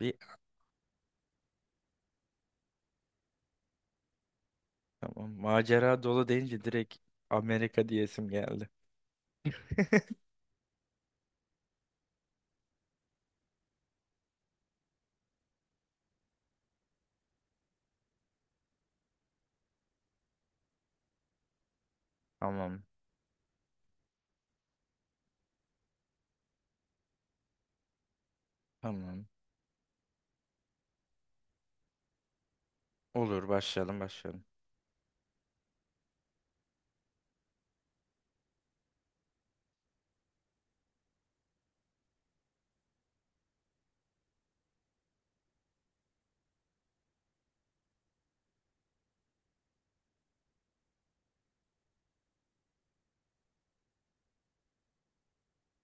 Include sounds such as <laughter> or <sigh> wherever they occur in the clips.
Bir tamam. Macera dolu deyince direkt Amerika diyesim geldi. Tamam. Tamam. Olur, başlayalım, başlayalım.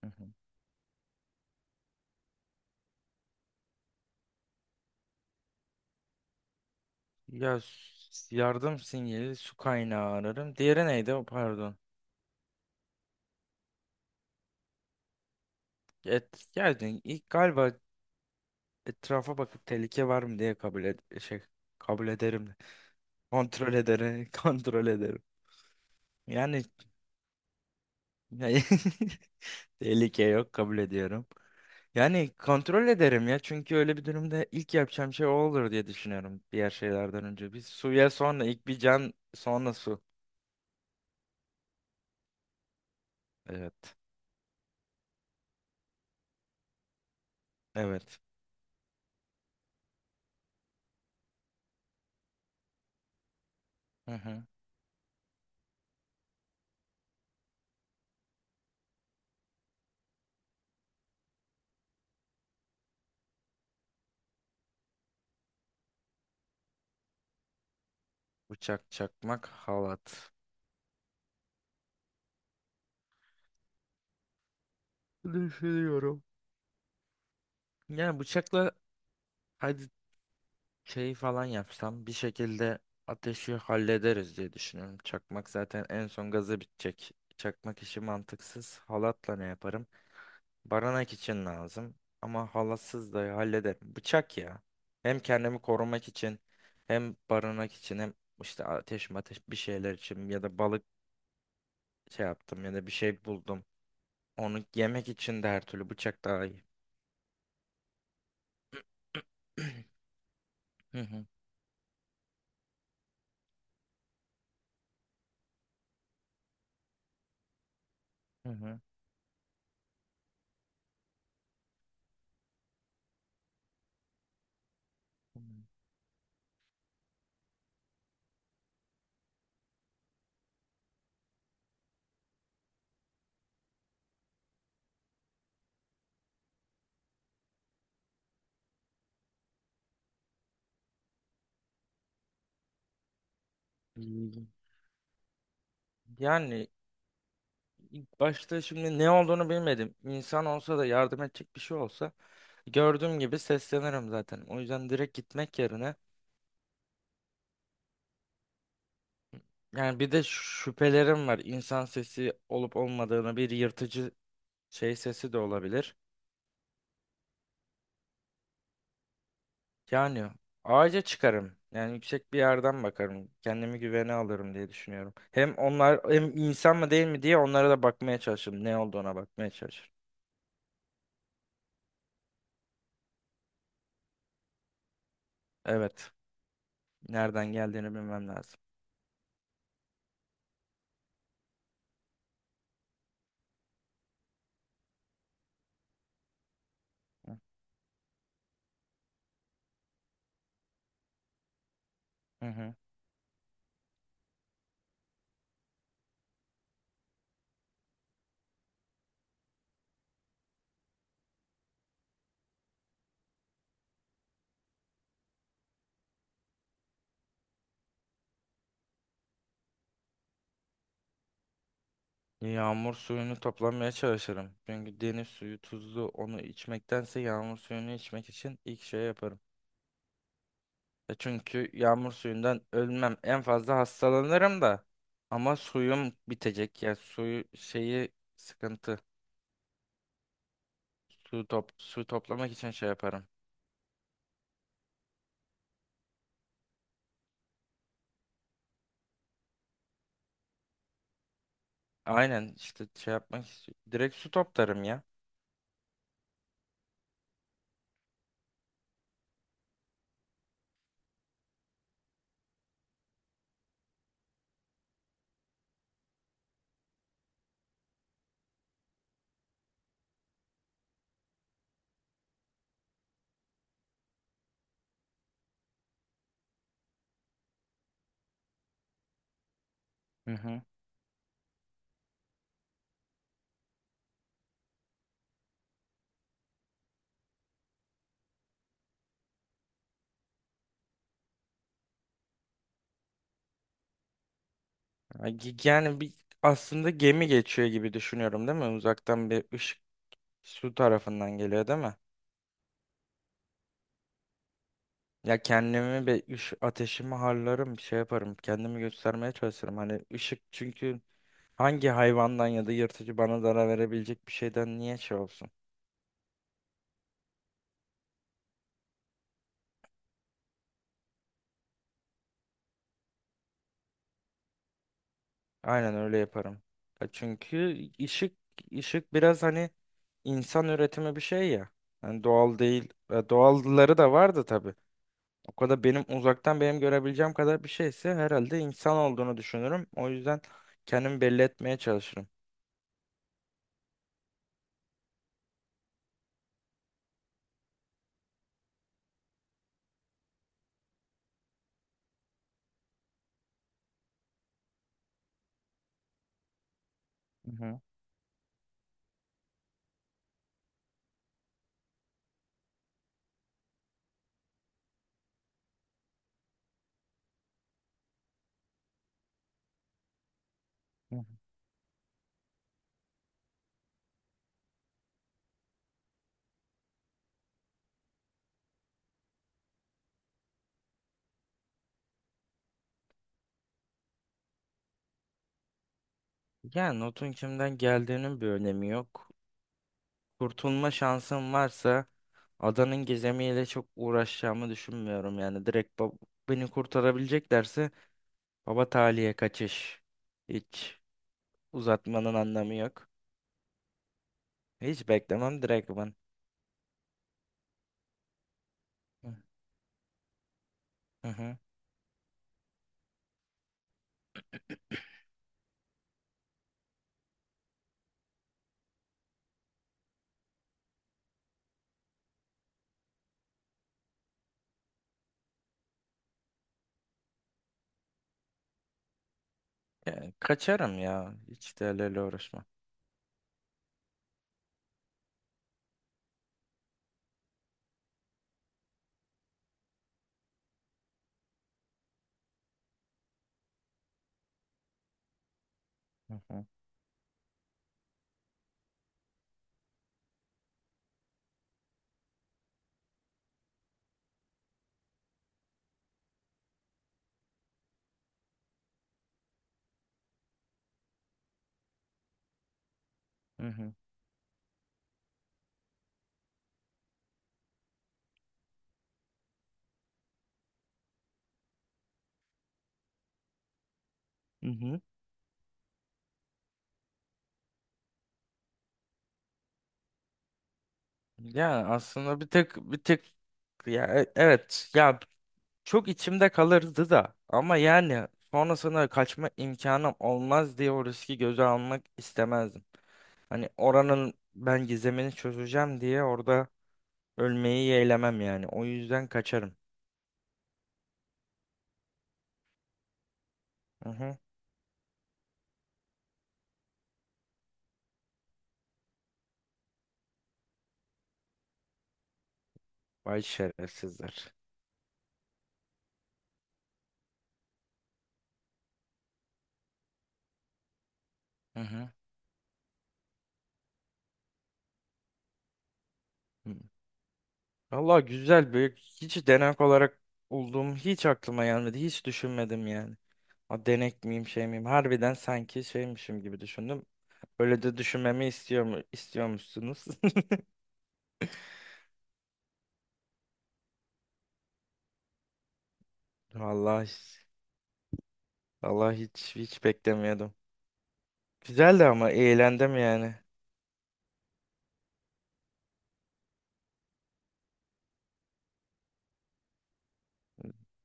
Hı hı. Ya yardım sinyali, su kaynağı ararım. Diğeri neydi? O, pardon. Et, geldin. İlk galiba etrafa bakıp tehlike var mı diye kabul ed şey kabul ederim. Kontrol ederim. <laughs> Kontrol ederim. Yani <laughs> yani tehlike yok, kabul ediyorum. Yani kontrol ederim ya, çünkü öyle bir durumda ilk yapacağım şey o olur diye düşünüyorum, diğer şeylerden önce. Bir suya, sonra ilk bir can sonra su. Evet. Evet. Hı hı. Bıçak, çakmak, halat. Biliyorum. Yani bıçakla, hadi şey falan yapsam bir şekilde ateşi hallederiz diye düşünüyorum. Çakmak zaten en son gazı bitecek. Çakmak işi mantıksız. Halatla ne yaparım? Barınak için lazım. Ama halasız da hallederim. Bıçak ya. Hem kendimi korumak için, hem barınak için, hem işte ateş bir şeyler için, ya da balık şey yaptım ya da bir şey buldum. Onu yemek için de, her türlü bıçak daha iyi. <clears throat> Hı hı, hı hı. Hmm. Yani ilk başta şimdi ne olduğunu bilmedim. İnsan olsa da, yardım edecek bir şey olsa, gördüğüm gibi seslenirim zaten. O yüzden direkt gitmek yerine, yani bir de şüphelerim var. İnsan sesi olup olmadığını, bir yırtıcı şey sesi de olabilir. Yani ağaca çıkarım. Yani yüksek bir yerden bakarım. Kendimi güvene alırım diye düşünüyorum. Hem onlar hem insan mı değil mi diye, onlara da bakmaya çalışırım. Ne olduğuna bakmaya çalışırım. Evet. Nereden geldiğini bilmem lazım. Hı hı. Yağmur suyunu toplamaya çalışırım. Çünkü deniz suyu tuzlu. Onu içmektense yağmur suyunu içmek için ilk şey yaparım. E çünkü yağmur suyundan ölmem. En fazla hastalanırım da. Ama suyum bitecek. Ya suyu şeyi sıkıntı. Su toplamak için şey yaparım. Aynen işte şey yapmak için. Direkt su toplarım ya. Hı hı. Yani bir, aslında gemi geçiyor gibi düşünüyorum değil mi? Uzaktan bir ışık su tarafından geliyor değil mi? Ya kendimi bir ış Ateşimi harlarım, bir şey yaparım. Kendimi göstermeye çalışırım. Hani ışık çünkü, hangi hayvandan ya da yırtıcı bana zarar verebilecek bir şeyden niye şey olsun? Aynen öyle yaparım. Ya çünkü ışık biraz hani insan üretimi bir şey ya. Hani doğal değil. Ya doğalları da vardı tabii. O kadar uzaktan benim görebileceğim kadar bir şeyse, herhalde insan olduğunu düşünürüm. O yüzden kendimi belli etmeye çalışırım. Hı hı. Hı hı. Yani notun kimden geldiğinin bir önemi yok. Kurtulma şansım varsa, adanın gizemiyle çok uğraşacağımı düşünmüyorum. Yani beni kurtarabileceklerse, baba taliye kaçış. Hiç uzatmanın anlamı yok. Hiç beklemem direkt ben. Hı hı. Hı. Ya, kaçarım ya. Hiç değerlerle uğraşmam. Hı hı. Hı hı. Hı hı. Ya aslında bir tek, evet ya, çok içimde kalırdı da, ama yani sonrasında kaçma imkanım olmaz diye o riski göze almak istemezdim. Hani oranın ben gizemini çözeceğim diye orada ölmeyi yeğlemem yani. O yüzden kaçarım. Hı hı. Vay şerefsizler. Hı hı. Hı. Valla güzel, büyük hiç denek olarak olduğum hiç aklıma gelmedi. Hiç düşünmedim yani. A, denek miyim, şey miyim? Harbiden sanki şeymişim gibi düşündüm. Öyle de düşünmemi istiyormuşsunuz? <laughs> Vallahi Vallahi hiç beklemiyordum. Güzeldi ama, eğlendim yani.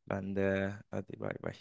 Ben de. Hadi bay bay.